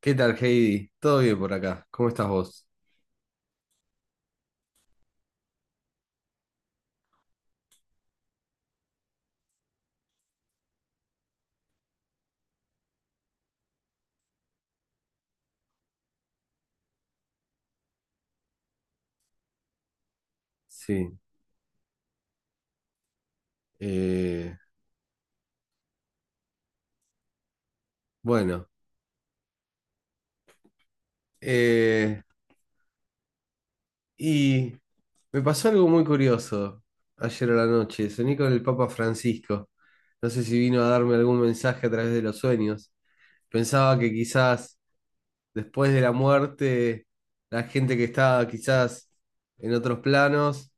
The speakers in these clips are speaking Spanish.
¿Qué tal, Heidi? ¿Todo bien por acá? ¿Cómo estás vos? Sí. eh, bueno, eh, y Me pasó algo muy curioso ayer a la noche. Soñé con el Papa Francisco. No sé si vino a darme algún mensaje a través de los sueños. Pensaba que quizás después de la muerte, la gente que está quizás en otros planos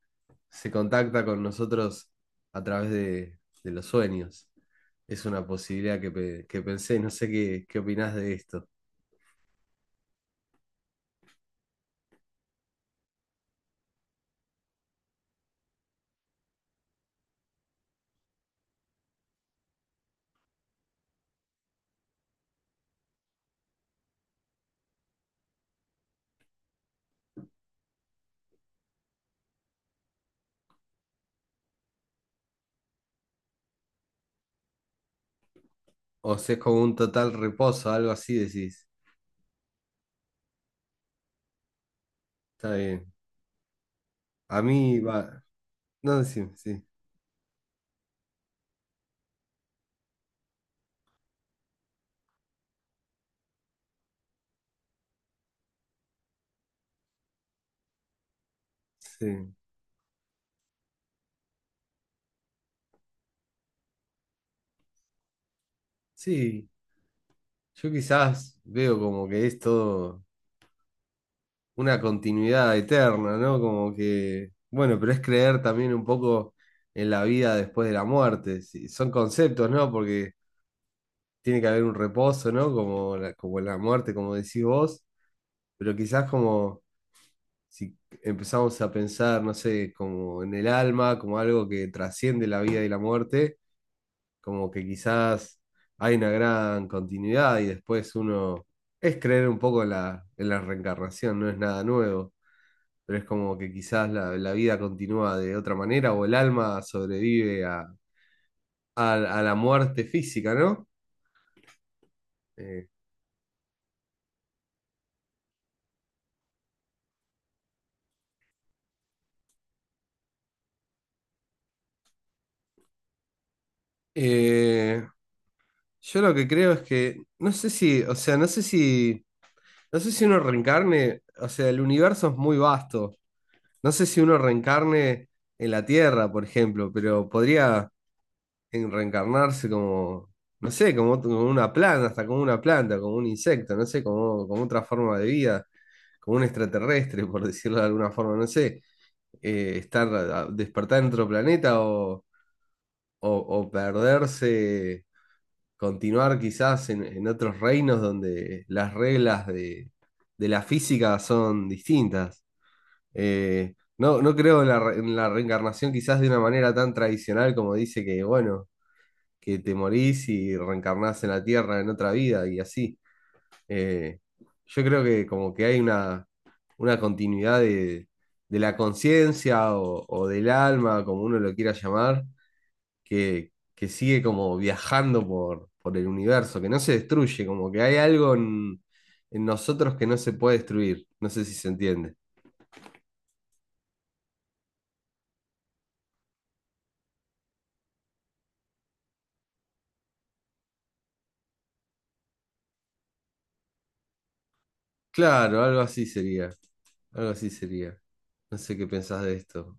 se contacta con nosotros a través de los sueños. Es una posibilidad que, que pensé, no sé qué, qué opinás de esto. O si es como un total reposo, algo así decís. Está bien. A mí va. No, decime, sí. Sí. Sí. Yo quizás veo como que es todo una continuidad eterna, ¿no? Como que, bueno, pero es creer también un poco en la vida después de la muerte. Sí, son conceptos, ¿no? Porque tiene que haber un reposo, ¿no? Como la muerte, como decís vos, pero quizás como si empezamos a pensar, no sé, como en el alma, como algo que trasciende la vida y la muerte, como que quizás hay una gran continuidad y después uno... Es creer un poco en la reencarnación, no es nada nuevo. Pero es como que quizás la, la vida continúa de otra manera o el alma sobrevive a, a la muerte física, ¿no? Eh, eh, yo lo que creo es que, no sé si, o sea, no sé si, no sé si uno reencarne, o sea, el universo es muy vasto, no sé si uno reencarne en la Tierra, por ejemplo, pero podría reencarnarse como... No sé, como, como una planta, hasta como una planta, como un insecto, no sé, como, como otra forma de vida. Como un extraterrestre, por decirlo de alguna forma, no sé, estar, despertar en otro planeta o o perderse, continuar quizás en otros reinos donde las reglas de la física son distintas. No, no creo en la, en la reencarnación quizás de una manera tan tradicional como dice que, bueno, que te morís y reencarnás en la Tierra en otra vida y así. Eh, yo creo que como que hay una continuidad de la conciencia o del alma, como uno lo quiera llamar, que sigue como viajando por el universo, que no se destruye, como que hay algo en nosotros que no se puede destruir. No sé si se entiende. Claro, algo así sería, algo así sería. No sé qué pensás de esto.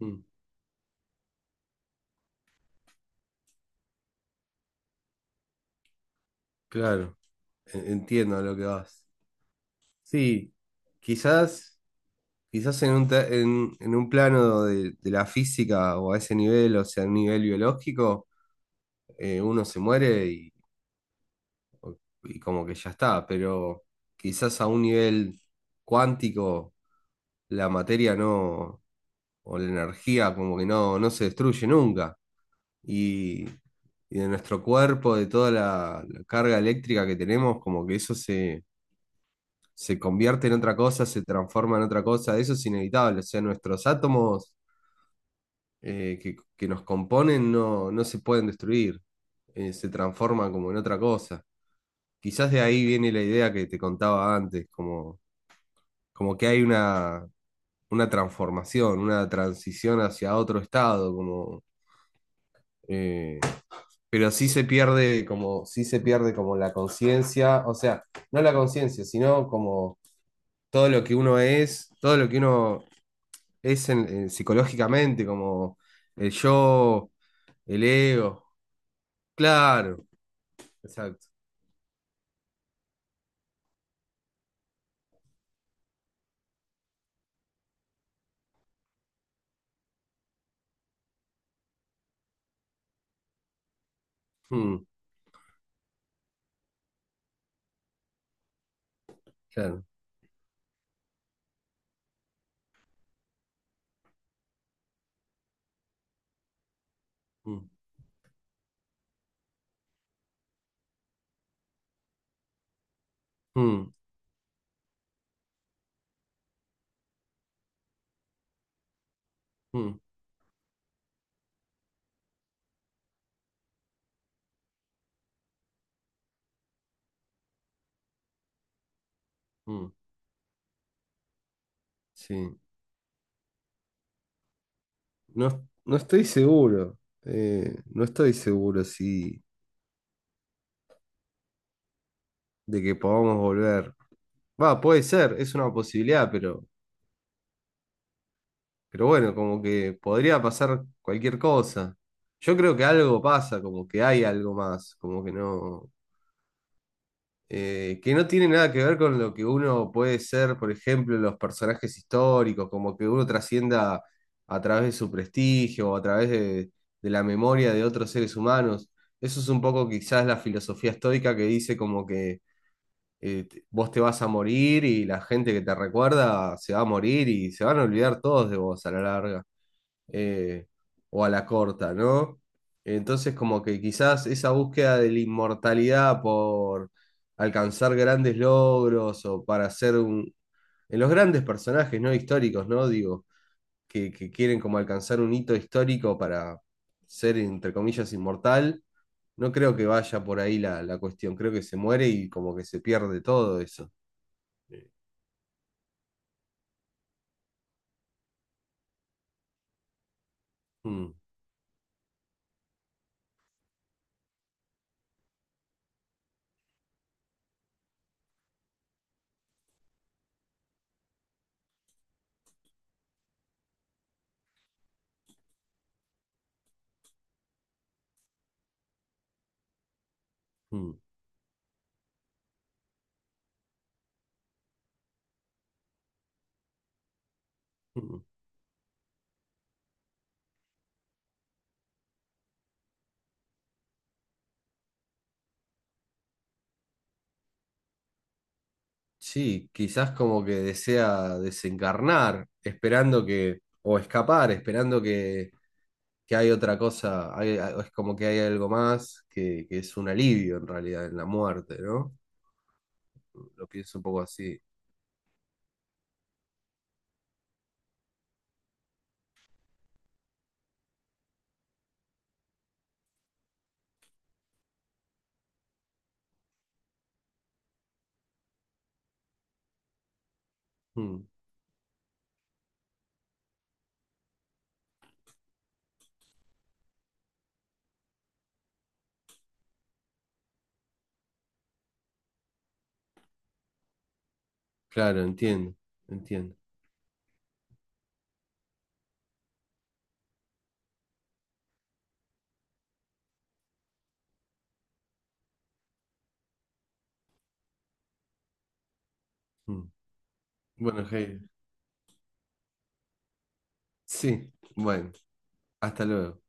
Mm, claro, entiendo a lo que vas. Sí, quizás... Quizás en un, en un plano de la física o a ese nivel, o sea, a un nivel biológico, uno se muere y como que ya está, pero quizás a un nivel cuántico la materia no, o la energía como que no, no se destruye nunca. Y, y de nuestro cuerpo, de toda la, la carga eléctrica que tenemos, como que eso se, se convierte en otra cosa, se transforma en otra cosa, eso es inevitable, o sea, nuestros átomos que nos componen no, no se pueden destruir, se transforman como en otra cosa. Quizás de ahí viene la idea que te contaba antes, como, como que hay una transformación, una transición hacia otro estado, como, eh, pero sí se pierde como, sí se pierde como la conciencia, o sea, no la conciencia, sino como todo lo que uno es, todo lo que uno es psicológicamente, como el yo, el ego. Claro, exacto. Mm, claro. Mm, mm, mm, mm. Sí. No, no estoy seguro. No estoy seguro si de que podamos volver. Va, puede ser, es una posibilidad, pero bueno, como que podría pasar cualquier cosa. Yo creo que algo pasa, como que hay algo más, como que no. Que no tiene nada que ver con lo que uno puede ser, por ejemplo, los personajes históricos, como que uno trascienda a través de su prestigio o a través de la memoria de otros seres humanos. Eso es un poco quizás la filosofía estoica que dice como que vos te vas a morir y la gente que te recuerda se va a morir y se van a olvidar todos de vos a la larga eh, o a la corta, ¿no? Entonces, como que quizás esa búsqueda de la inmortalidad por alcanzar grandes logros o para ser un... En los grandes personajes, ¿no? Históricos, ¿no? Digo, que quieren como alcanzar un hito histórico para ser, entre comillas, inmortal, no creo que vaya por ahí la, la cuestión. Creo que se muere y como que se pierde todo eso. Mm, mm, mm. Sí, quizás como que desea desencarnar, esperando que, o escapar, esperando que hay otra cosa, es como que hay algo más que es un alivio en realidad en la muerte, ¿no? Lo pienso un poco así. Mm, claro, entiendo, entiendo. Mm. Bueno, Jair, sí, bueno, hasta luego.